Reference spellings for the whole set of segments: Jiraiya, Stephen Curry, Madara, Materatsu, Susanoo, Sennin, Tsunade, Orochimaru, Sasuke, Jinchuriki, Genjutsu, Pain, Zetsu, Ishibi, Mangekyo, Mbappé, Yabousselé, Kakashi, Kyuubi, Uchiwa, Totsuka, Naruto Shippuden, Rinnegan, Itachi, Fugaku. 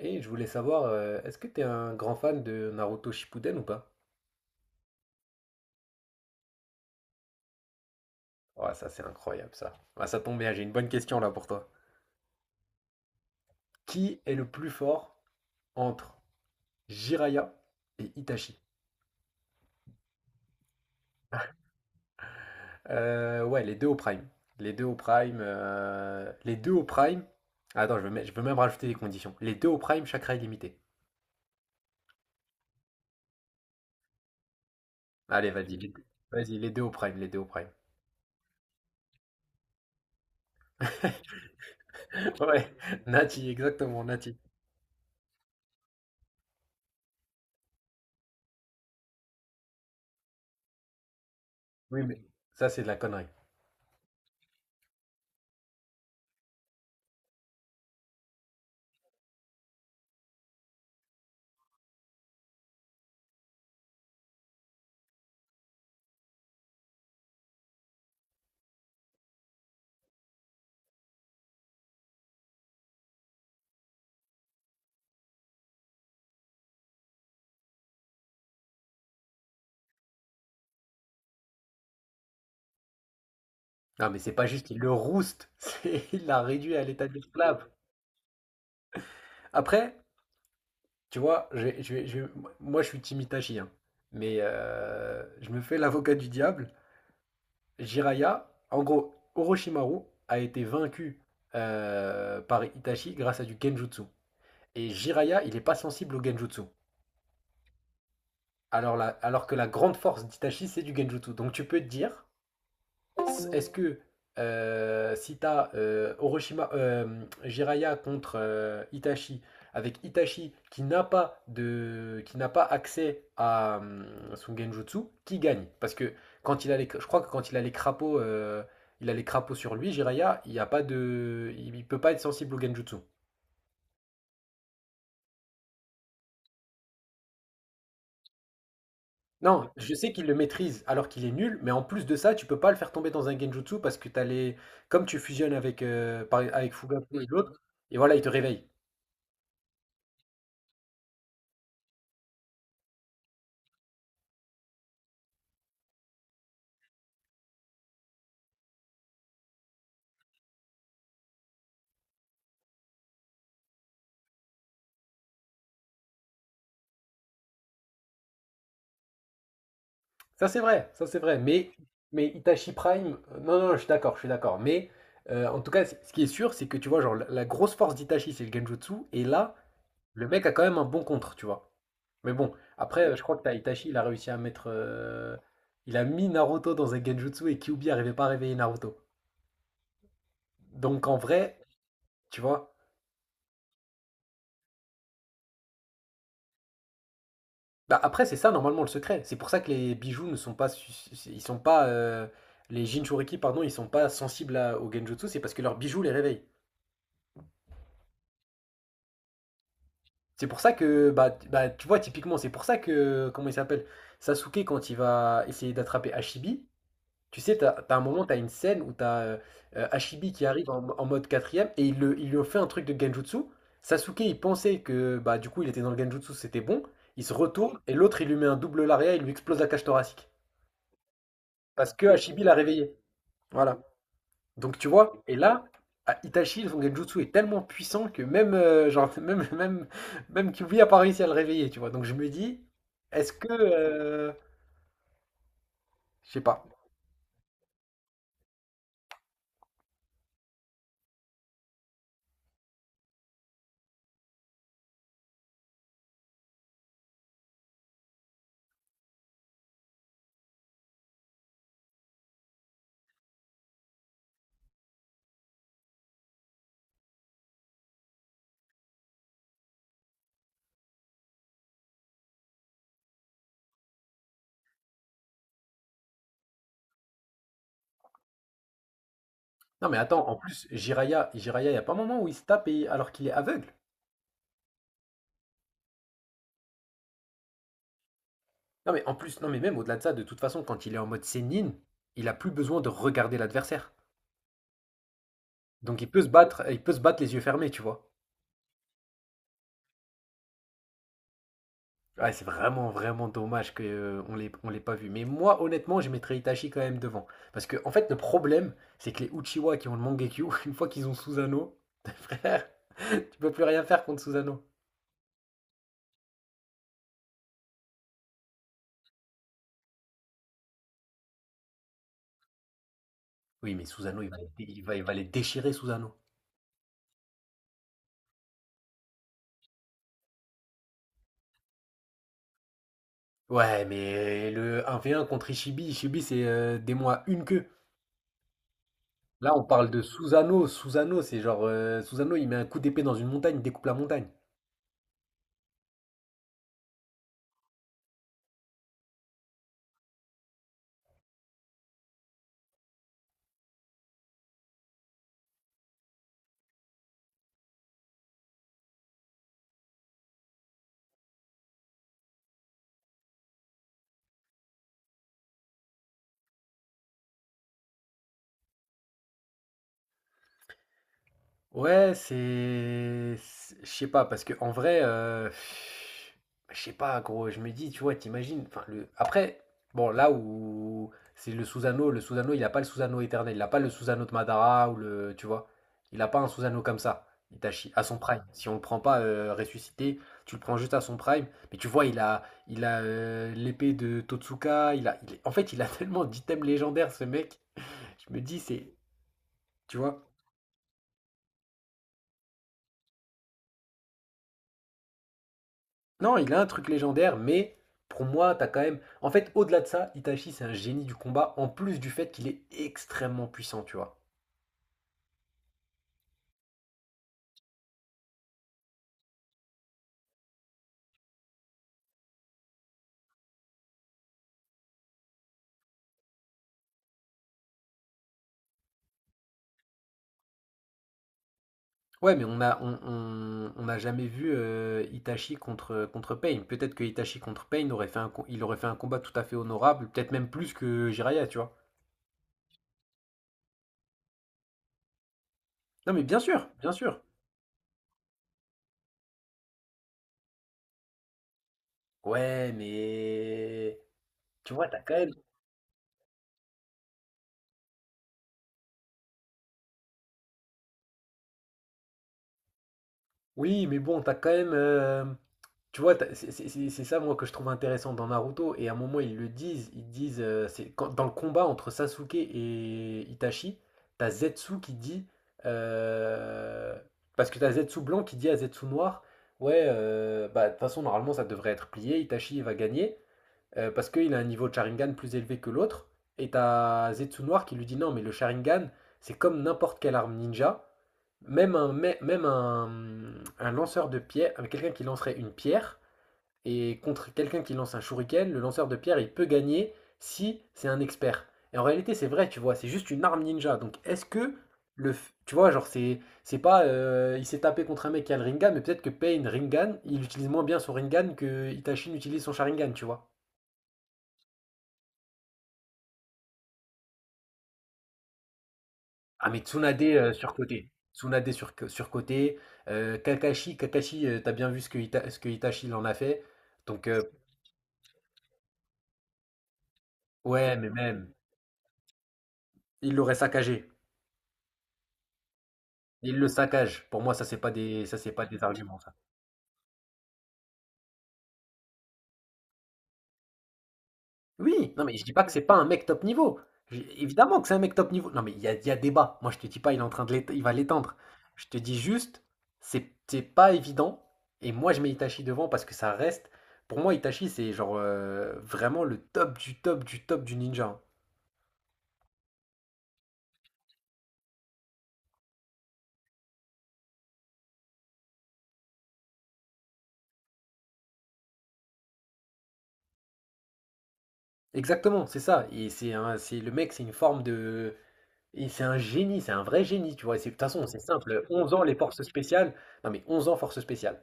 Et je voulais savoir, est-ce que t'es un grand fan de Naruto Shippuden ou pas? Ouais, ça c'est incroyable ça. Ah, ça tombe bien, j'ai une bonne question là pour toi. Qui est le plus fort entre Jiraiya et Itachi? Ouais, les deux au prime. Les deux au prime. Les deux au prime. Attends, je veux, je veux même rajouter des conditions. Les deux au prime, chakra illimité. Allez, vas-y. Les Vas-y, les deux au prime, les deux au prime. Ouais, Nati, exactement, Nati. Oui, mais ça c'est de la connerie. Non, mais c'est pas juste, il le rouste, il l'a réduit à l'état d'esclave. Après, tu vois, moi je suis Timitachi, hein, mais je me fais l'avocat du diable. Jiraiya, en gros, Orochimaru a été vaincu par Itachi grâce à du Genjutsu. Et Jiraiya, il n'est pas sensible au Genjutsu. Alors, alors que la grande force d'Itachi, c'est du Genjutsu. Donc tu peux te dire, est-ce que si t'as Jiraiya contre Itachi, avec Itachi qui n'a pas de, qui n'a pas accès à son Genjutsu, qui gagne? Parce que quand il a les, je crois que quand il a les crapauds, il a les crapauds sur lui, Jiraiya, il n'y a pas de, il peut pas être sensible au Genjutsu. Non, je sais qu'il le maîtrise alors qu'il est nul, mais en plus de ça, tu peux pas le faire tomber dans un Genjutsu parce que t'as les, comme tu fusionnes avec, avec Fugaku et l'autre, et voilà, il te réveille. Ça c'est vrai, ça c'est vrai. Mais Itachi Prime, non, non, je suis d'accord, je suis d'accord. Mais en tout cas, ce qui est sûr, c'est que tu vois, genre, la grosse force d'Itachi, c'est le Genjutsu. Et là, le mec a quand même un bon contre, tu vois. Mais bon, après, je crois que t'as Itachi, il a réussi à mettre. Il a mis Naruto dans un Genjutsu et Kyuubi n'arrivait pas à réveiller Naruto. Donc en vrai, tu vois. Bah, après, c'est ça normalement le secret. C'est pour ça que les bijoux ne sont pas. Ils sont pas. Les Jinchuriki, pardon, ils sont pas sensibles au Genjutsu, c'est parce que leurs bijoux les réveillent. C'est pour ça que, bah, bah, tu vois, typiquement, c'est pour ça que, comment il s'appelle? Sasuke, quand il va essayer d'attraper Hashibi, tu sais, t'as un moment, t'as une scène où t'as Hashibi qui arrive en, en mode quatrième et il, il lui ont fait un truc de Genjutsu. Sasuke, il pensait que, bah, du coup, il était dans le Genjutsu, c'était bon. Il se retourne et l'autre, il lui met un double lariat, il lui explose la cage thoracique. Parce que Hashibi l'a réveillé. Voilà. Donc tu vois, et là, à Itachi, son genjutsu est tellement puissant que même, genre, même, même, même Kyuubi a pas réussi à le réveiller, tu vois. Donc je me dis, est-ce que... je sais pas. Non mais attends, en plus, Jiraiya il n'y a pas un moment où il se tape alors qu'il est aveugle. Non mais en plus, non mais même au-delà de ça, de toute façon, quand il est en mode Sennin, il a plus besoin de regarder l'adversaire. Donc il peut se battre, il peut se battre les yeux fermés, tu vois. Ouais, c'est vraiment, vraiment dommage qu'on on l'ait pas vu. Mais moi, honnêtement, je mettrais Itachi quand même devant. Parce que, en fait, le problème, c'est que les Uchiwa qui ont le Mangekyo, une fois qu'ils ont Susanoo, frère, tu peux plus rien faire contre Susanoo. Oui, mais Susanoo, il va les déchirer, Susanoo. Ouais, mais le un v un contre Ishibi, Ishibi, c'est des mois une queue. Là, on parle de Susanoo. Susanoo, c'est genre. Susanoo, il met un coup d'épée dans une montagne, il découpe la montagne. Ouais, je sais pas parce que en vrai je sais pas gros, je me dis tu vois, t'imagines enfin le après bon là où c'est le Susano, il a pas le Susano éternel, il a pas le Susano de Madara ou le tu vois, il a pas un Susano comme ça. Itachi à son prime. Si on le prend pas ressuscité, tu le prends juste à son prime, mais tu vois, il a l'épée de Totsuka, en fait, il a tellement d'items légendaires ce mec. Je me dis c'est tu vois. Non, il a un truc légendaire, mais pour moi, t'as quand même. En fait, au-delà de ça, Itachi, c'est un génie du combat, en plus du fait qu'il est extrêmement puissant, tu vois. Ouais, mais on a, on, on n'a jamais vu Itachi contre, contre Pain. Peut-être que Itachi contre Pain aurait fait un, il aurait fait un combat tout à fait honorable, peut-être même plus que Jiraiya, tu vois. Non, mais bien sûr, bien sûr. Ouais, mais. Tu vois, t'as quand même. Oui, mais bon, t'as quand même. Tu vois, c'est ça, moi, que je trouve intéressant dans Naruto. Et à un moment, ils le disent. Ils disent, c'est dans le combat entre Sasuke et Itachi, t'as Zetsu qui dit, euh, parce que t'as Zetsu blanc qui dit à Zetsu noir, ouais, bah, de toute façon, normalement, ça devrait être plié. Itachi, il va gagner parce qu'il a un niveau de Sharingan plus élevé que l'autre. Et t'as Zetsu noir qui lui dit, non, mais le Sharingan, c'est comme n'importe quelle arme ninja. Même un lanceur de pierre, quelqu'un qui lancerait une pierre, et contre quelqu'un qui lance un shuriken, le lanceur de pierre, il peut gagner si c'est un expert. Et en réalité, c'est vrai, tu vois, c'est juste une arme ninja. Donc, est-ce que le, tu vois, genre, c'est pas, il s'est tapé contre un mec qui a le Rinnegan, mais peut-être que Pain Rinnegan, il utilise moins bien son Rinnegan que Itachi n'utilise son Sharingan, tu vois. Ah, mais Tsunade surcoté. Tsunade sur, surcoté. Kakashi, Kakashi, t'as bien vu ce que, ce que Itachi il en a fait. Donc, ouais, mais même, il l'aurait saccagé. Il le saccage. Pour moi, ça, c'est pas des, ça, c'est pas des arguments, ça. Oui, non, mais je dis pas que c'est pas un mec top niveau. J- Évidemment que c'est un mec top niveau. Non, mais il y a débat. Moi, je te dis pas, il est en train de il va l'étendre. Je te dis juste, c'est pas évident. Et moi, je mets Itachi devant parce que ça reste. Pour moi, Itachi, c'est genre vraiment le top du top du top du ninja. Hein. Exactement, c'est ça. Et c'est un, c'est le mec, c'est une forme de. Et c'est un génie, c'est un vrai génie, tu vois. Et de toute façon, c'est simple. 11 ans, les forces spéciales. Non, mais 11 ans, forces spéciales.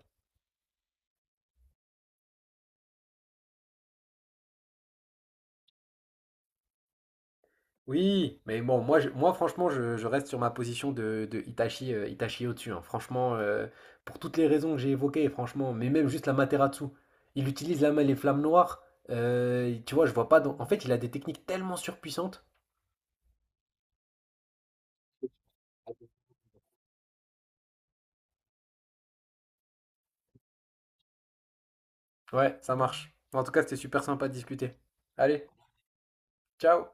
Oui, mais bon, moi franchement, je reste sur ma position de Itachi, Itachi au-dessus. Hein. Franchement, pour toutes les raisons que j'ai évoquées, franchement, mais même juste la Materatsu, il utilise la main les flammes noires. Tu vois, je vois pas. En fait, il a des techniques tellement surpuissantes. Ouais, ça marche. En tout cas, c'était super sympa de discuter. Allez, ciao!